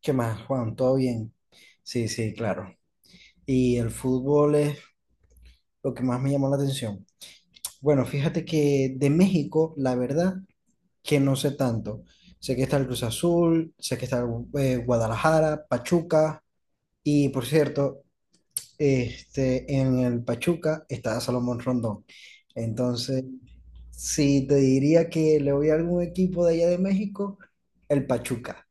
¿Qué más, Juan? ¿Todo bien? Sí, sí, claro. Y el fútbol es lo que más me llamó la atención. Bueno, fíjate que de México, la verdad, que no sé tanto. Sé que está el Cruz Azul, sé que está el, Guadalajara, Pachuca, y por cierto, en el Pachuca está Salomón Rondón. Entonces, si te diría que le voy a algún equipo de allá de México, el Pachuca.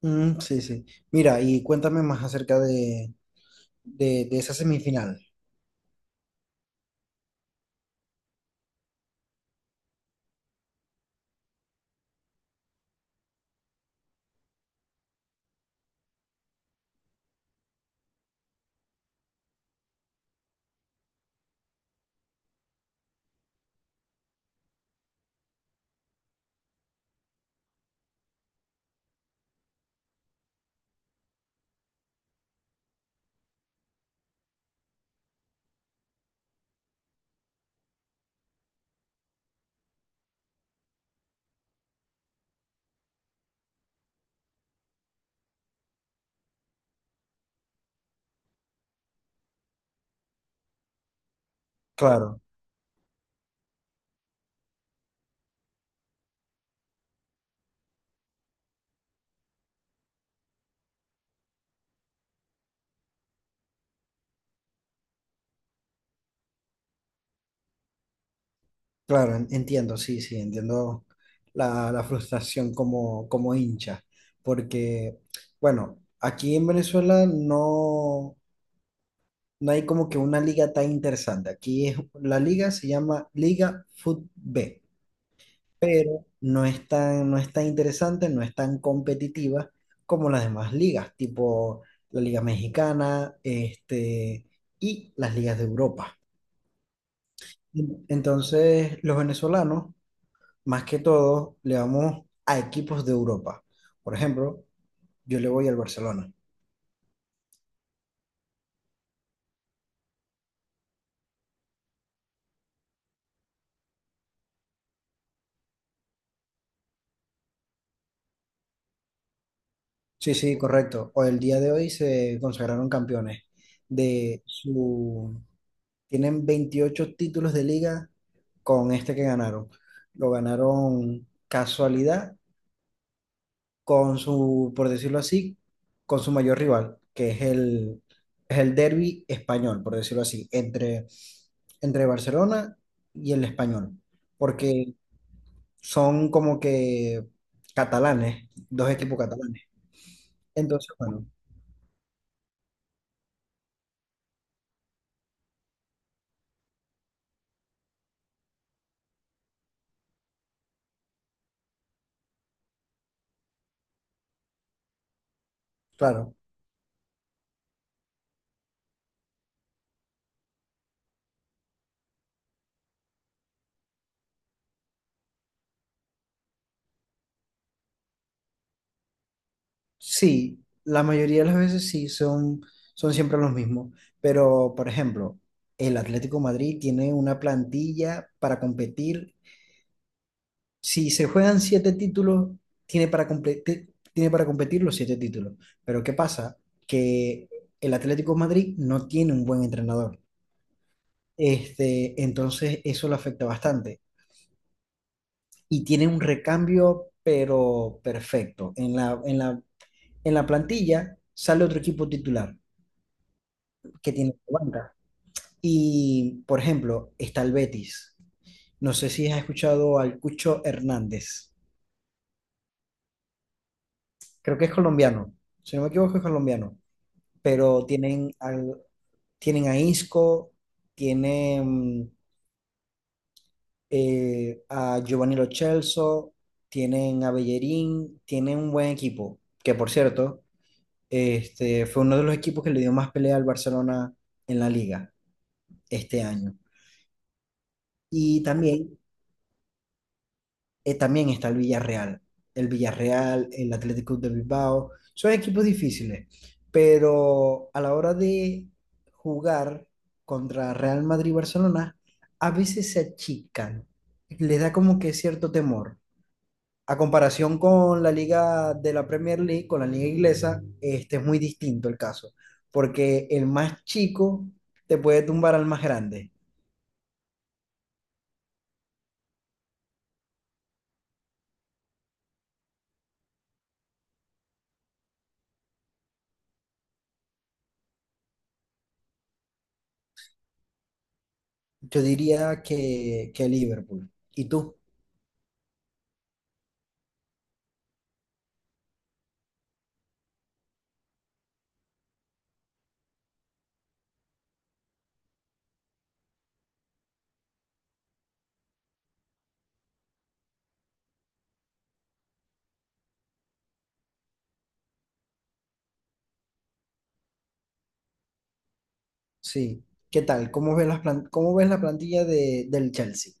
Mm, sí, sí. Mira, y cuéntame más acerca de, de esa semifinal. Claro, claro, entiendo, sí, sí, entiendo la, la frustración como, como hincha, porque, bueno, aquí en Venezuela no hay como que una liga tan interesante. Aquí es, la liga se llama Liga Fut B, pero no es tan, no es tan interesante, no es tan competitiva como las demás ligas, tipo la Liga Mexicana, y las ligas de Europa. Entonces, los venezolanos, más que todo, le vamos a equipos de Europa. Por ejemplo, yo le voy al Barcelona. Sí, sí, correcto. O el día de hoy se consagraron campeones de su... Tienen 28 títulos de liga con este que ganaron. Lo ganaron casualidad con su, por decirlo así, con su mayor rival, que es el derbi español, por decirlo así, entre, entre Barcelona y el Español, porque son como que catalanes, dos equipos catalanes. Entonces, bueno, claro, sí, la mayoría de las veces sí, son, son siempre los mismos, pero por ejemplo, el Atlético de Madrid tiene una plantilla para competir. Si se juegan siete títulos, tiene para competir los siete títulos. Pero ¿qué pasa? Que el Atlético de Madrid no tiene un buen entrenador. Entonces eso lo afecta bastante. Y tiene un recambio, pero perfecto. En la, en la plantilla sale otro equipo titular que tiene banca. Y, por ejemplo, está el Betis. No sé si has escuchado al Cucho Hernández. Creo que es colombiano. Si no me equivoco, es colombiano. Pero tienen, tienen a Isco, tienen a Giovanni Lo Celso, tienen a Bellerín, tienen un buen equipo, que por cierto, fue uno de los equipos que le dio más pelea al Barcelona en la liga este año. Y también también está el Villarreal. El Villarreal, el Atlético de Bilbao, son equipos difíciles, pero a la hora de jugar contra Real Madrid y Barcelona, a veces se achican, les da como que cierto temor. A comparación con la liga de la Premier League, con la liga inglesa, este es muy distinto el caso, porque el más chico te puede tumbar al más grande. Yo diría que Liverpool. ¿Y tú? Sí. ¿Qué tal? ¿Cómo ves las cómo ves la plantilla de, del Chelsea?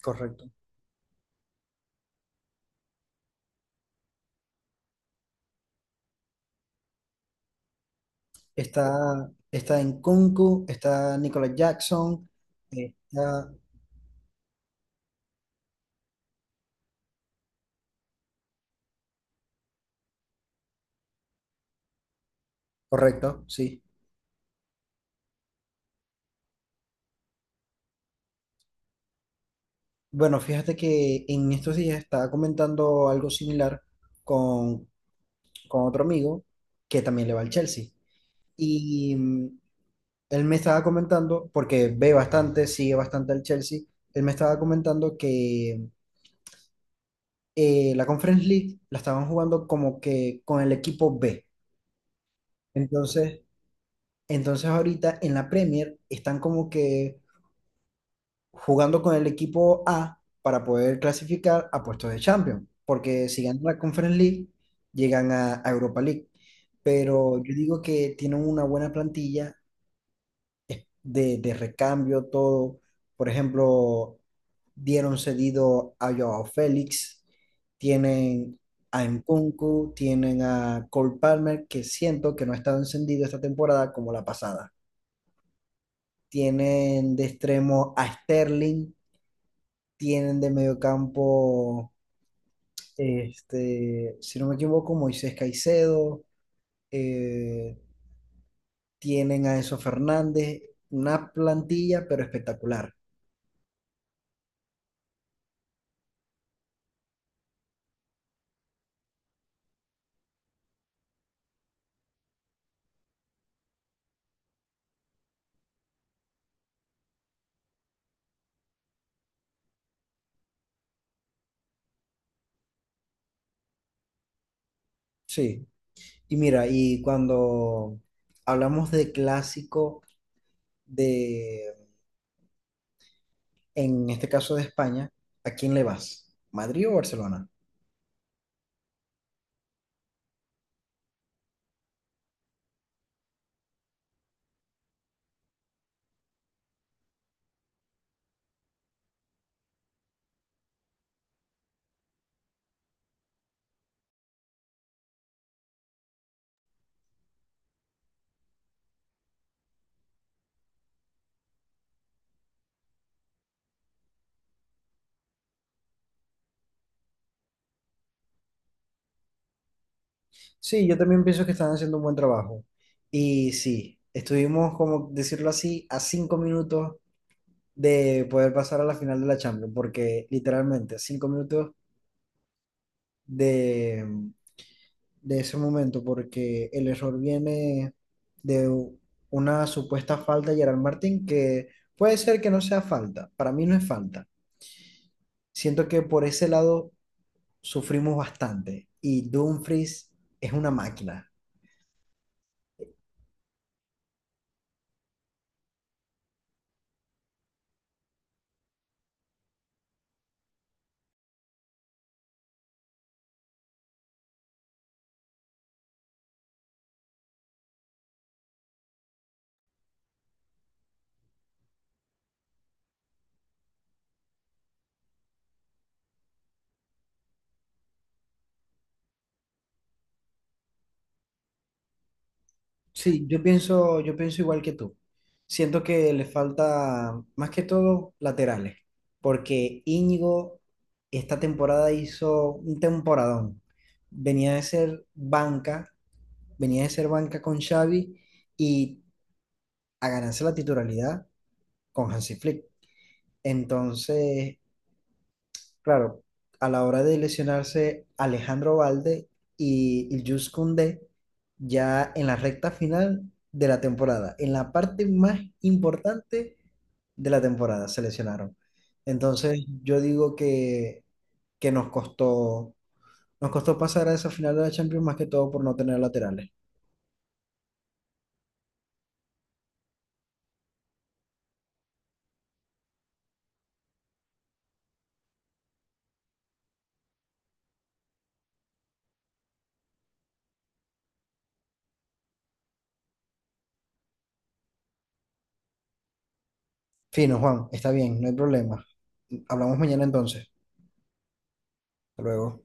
Correcto. Está, está Nkunku, está Nicolas Jackson, está... Correcto, sí. Bueno, fíjate que en estos días estaba comentando algo similar con, con otro amigo que también le va al Chelsea. Y él me estaba comentando, porque ve bastante, sigue bastante al Chelsea, él me estaba comentando que la Conference League la estaban jugando como que con el equipo B. Entonces, entonces ahorita en la Premier están como que jugando con el equipo A para poder clasificar a puestos de Champions, porque si ganan la Conference League, llegan a Europa League. Pero yo digo que tienen una buena plantilla de recambio, todo. Por ejemplo, dieron cedido a Joao Félix, tienen a Nkunku, tienen a Cole Palmer, que siento que no ha estado encendido esta temporada como la pasada. Tienen de extremo a Sterling, tienen de mediocampo, si no me equivoco, Moisés Caicedo, eh, tienen a Enzo Fernández, una plantilla pero espectacular. Sí. Y mira, y cuando hablamos de clásico de, en este caso de España, ¿a quién le vas? ¿Madrid o Barcelona? Sí, yo también pienso que están haciendo un buen trabajo. Y sí, estuvimos, como decirlo así, a 5 minutos de poder pasar a la final de la Champions, porque literalmente a 5 minutos de de ese momento, porque el error viene de una supuesta falta de Gerard Martín, que puede ser que no sea falta, para mí no es falta. Siento que por ese lado sufrimos bastante y Dumfries es una máquina. Sí, yo pienso igual que tú. Siento que le falta más que todo laterales, porque Íñigo esta temporada hizo un temporadón, venía de ser banca, venía de ser banca con Xavi y a ganarse la titularidad con Hansi Flick. Entonces, claro, a la hora de lesionarse Alejandro Valde y Iljus Koundé, ya en la recta final de la temporada, en la parte más importante de la temporada, se lesionaron. Entonces, yo digo que nos costó pasar a esa final de la Champions más que todo por no tener laterales. Fino, Juan, está bien, no hay problema. Hablamos mañana entonces. Hasta luego.